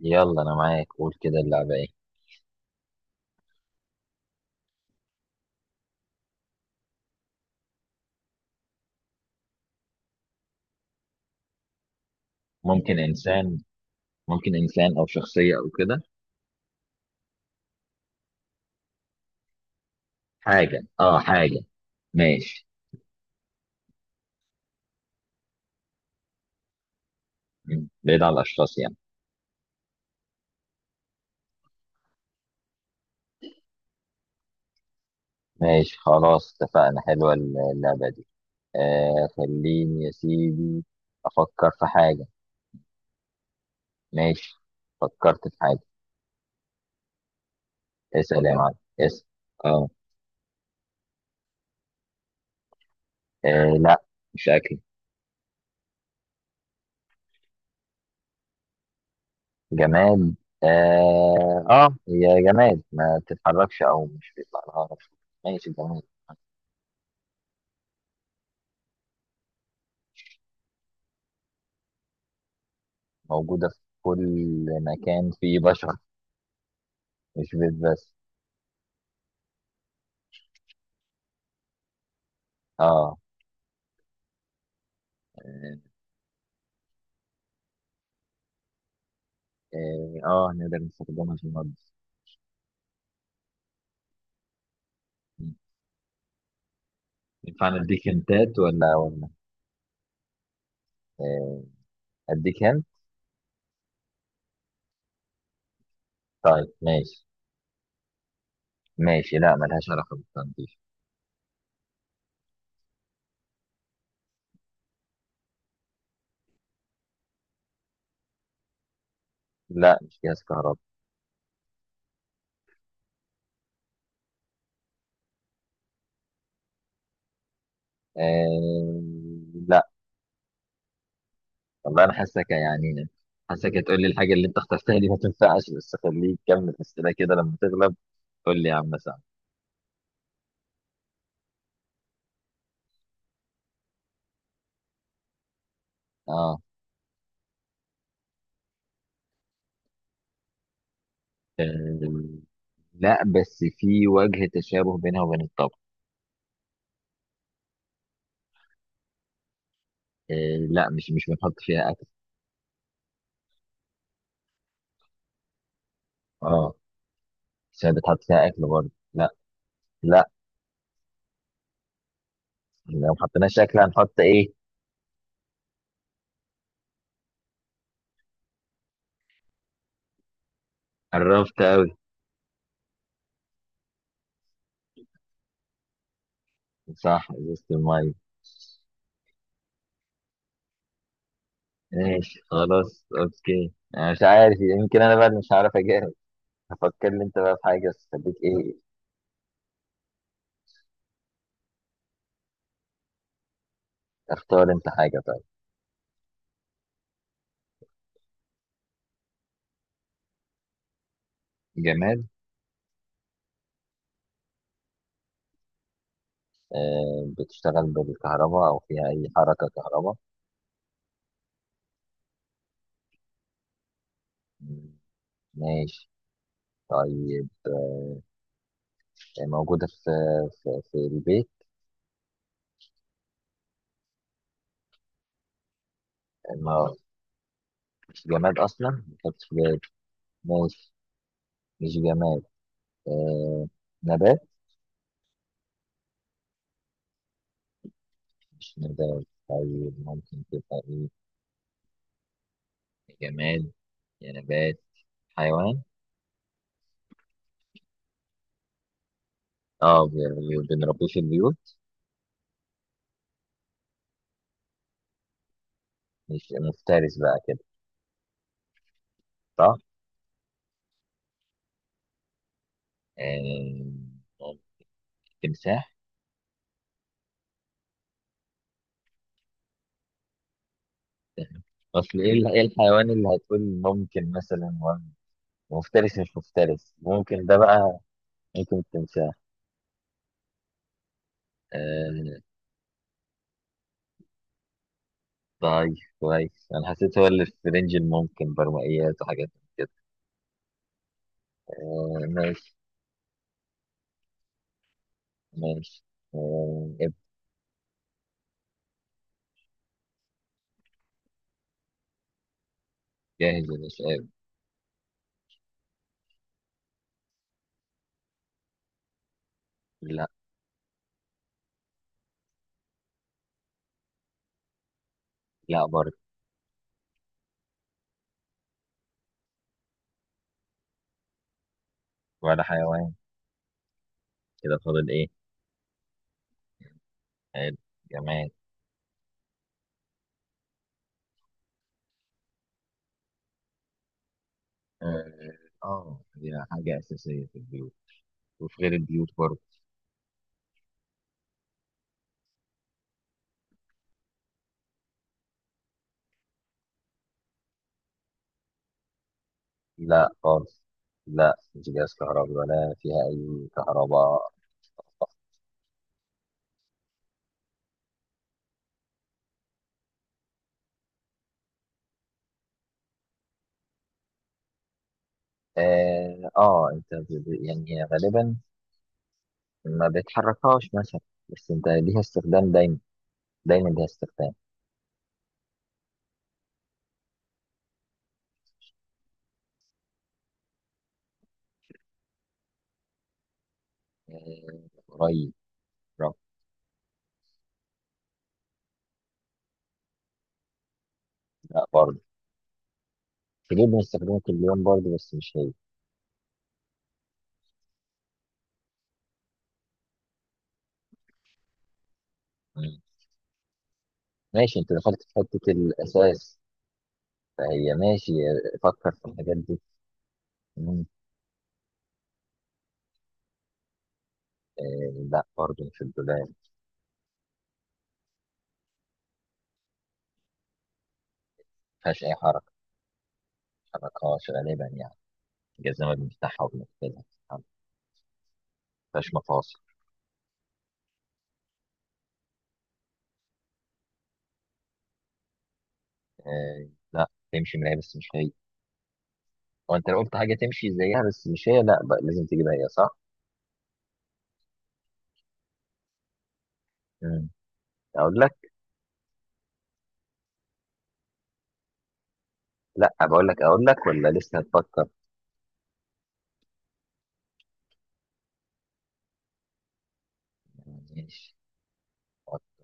يلا، انا معاك. قول كده، اللعبه ايه؟ ممكن انسان ممكن انسان او شخصيه او كده. حاجه. ماشي. مم. بعيد عن الاشخاص، يعني. ماشي، خلاص اتفقنا. حلوه اللعبه دي. آه، خليني يا سيدي افكر في حاجه. ماشي، فكرت في حاجه. اسال يا معلم، اسال. اه. آه، لا، مش اكل. جماد. اه، اه، هي جماد، ما بتتحركش او مش بيطلع لها نفس. ماشي، جماد. موجودة في كل مكان فيه بشر، مش بيت بس. اه، اه. آه، آه، نقدر نستخدمها في النضف. م. ينفع نديك هنتات ولا؟ آه، اديك هنت. طيب، ماشي. ماشي، لا ملهاش علاقة بالتنظيف. لا، مش جهاز كهرباء. آه، لا. والله انا حاسك يعني. حاسك هتقول لي الحاجة اللي انت اخترتها دي ما تنفعش، بس خليك كمل اسئلة كده لما تغلب. قول لي يا عم سعد. اه. آه، لا، بس في وجه تشابه بينها وبين الطبخ. آه، لا، مش بنحط فيها اكل. اه، مش بتحط فيها اكل برضه، لا. لا، لو ما حطيناش اكل هنحط ايه؟ قربت قوي. صح، ازازه الميه. ماشي، خلاص، اوكي. انا مش عارف، يمكن انا بقى اللي مش عارف اجاوب. هفكر لي انت بقى في حاجه، بس خليك ايه. اختار انت حاجه، طيب. جماد؟ آه، بتشتغل بالكهرباء او فيها اي حركه كهرباء؟ مم، ماشي. طيب، موجودة في البيت؟ ما مش جماد أصلا، ما كانتش في بالي. ماشي، مش جماد. آه، نبات؟ مش نبات؟ طيب، ممكن تبقى إيه؟ جماد يا نبات، حيوان؟ اه، بنربيه في البيوت؟ مش مفترس بقى كده، صح؟ آه، ممكن. تمساح؟ أصل إيه إيه الحيوان اللي هتقول ممكن مثلا، مفترس مش مفترس ممكن ده بقى. ممكن التمساح. آه، طيب. كويس، انا حسيت هو اللي في رينج الممكن، برمائيات وحاجات من كده. آه، ماشي. ماشي، آه، جاهز يا باشا. لا. لا برضه. ولا حيوان. كده فاضل ايه؟ حلو، جماد. اه، آه، دي حاجة أساسية في البيوت وفي غير البيوت برضه. لا خالص، لا مش جهاز كهربي ولا فيها أي كهرباء. اه، آه، أنت يعني هي غالبا ما بتحركهاش مثلا، بس أنت ليها استخدام دايما. دايما ليها استخدام. آه، قريب. رب. لا برضه. تجيب، بنستخدمه كل يوم برضه بس مش هي. مم. ماشي، انت دخلت في حتة الأساس، فهي ماشي. فكر في الحاجات دي. مم. آه، لا برضه، مش الدولاب، ما فيهاش أي حركة. ما بتتحركهاش غالبا يعني. جزمة بنفتحها وبنقفلها، ما فيهاش مفاصل. آه، لا، تمشي من هي بس مش هي. هو انت لو قلت حاجة تمشي زيها بس مش هي، لا بقى، لازم تجيبها هي، صح؟ مم. أقول لك؟ لا، بقول لك، أقول لك ولا لسه هتفكر؟ ماشي، فكر،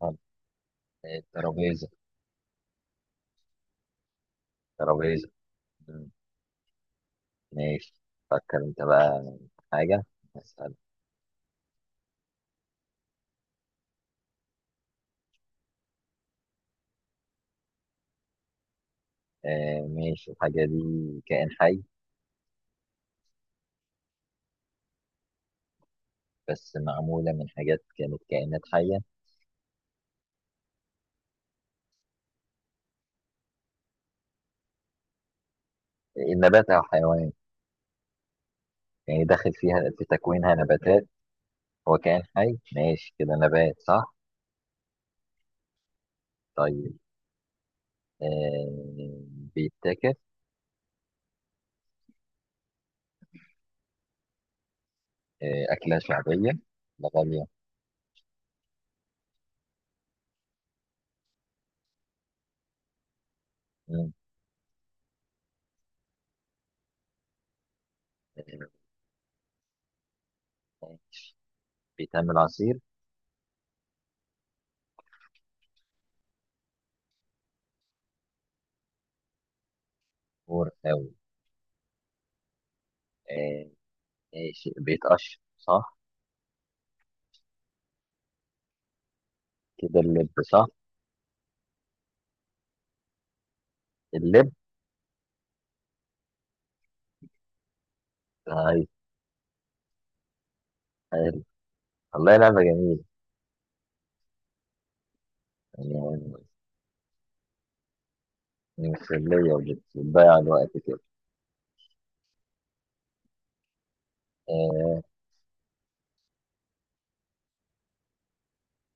فكر. الترابيزة. ترابيزة. مم. ماشي، فكر انت بقى في حاجة. اسأل. آه، ماشي، الحاجة دي كائن حي؟ بس معمولة من حاجات كانت كائنات حية. النبات أو حيوان، يعني داخل فيها في تكوينها نباتات. هو كائن حي، ماشي كده، نبات، صح؟ طيب. آه، بيتاكل؟ آه، أكلة شعبية؟ لا، غالية؟ مم. آه، بيتعمل عصير؟ ورقاوي؟ آه، ماشي، بيتقشر صح؟ كده اللب، صح؟ اللب. نايس. حلو. والله لعبة جميلة يعني. مسلية وبتضيع الوقت كده. آه،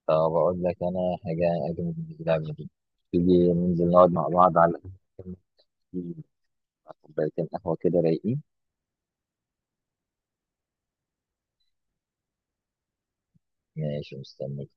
طب أقول لك أنا حاجة أجمل من اللعبة دي. تيجي ننزل نقعد مع بعض على القهوة، مع كوبايتين قهوة كده رايقين. ماشي، مستنيك.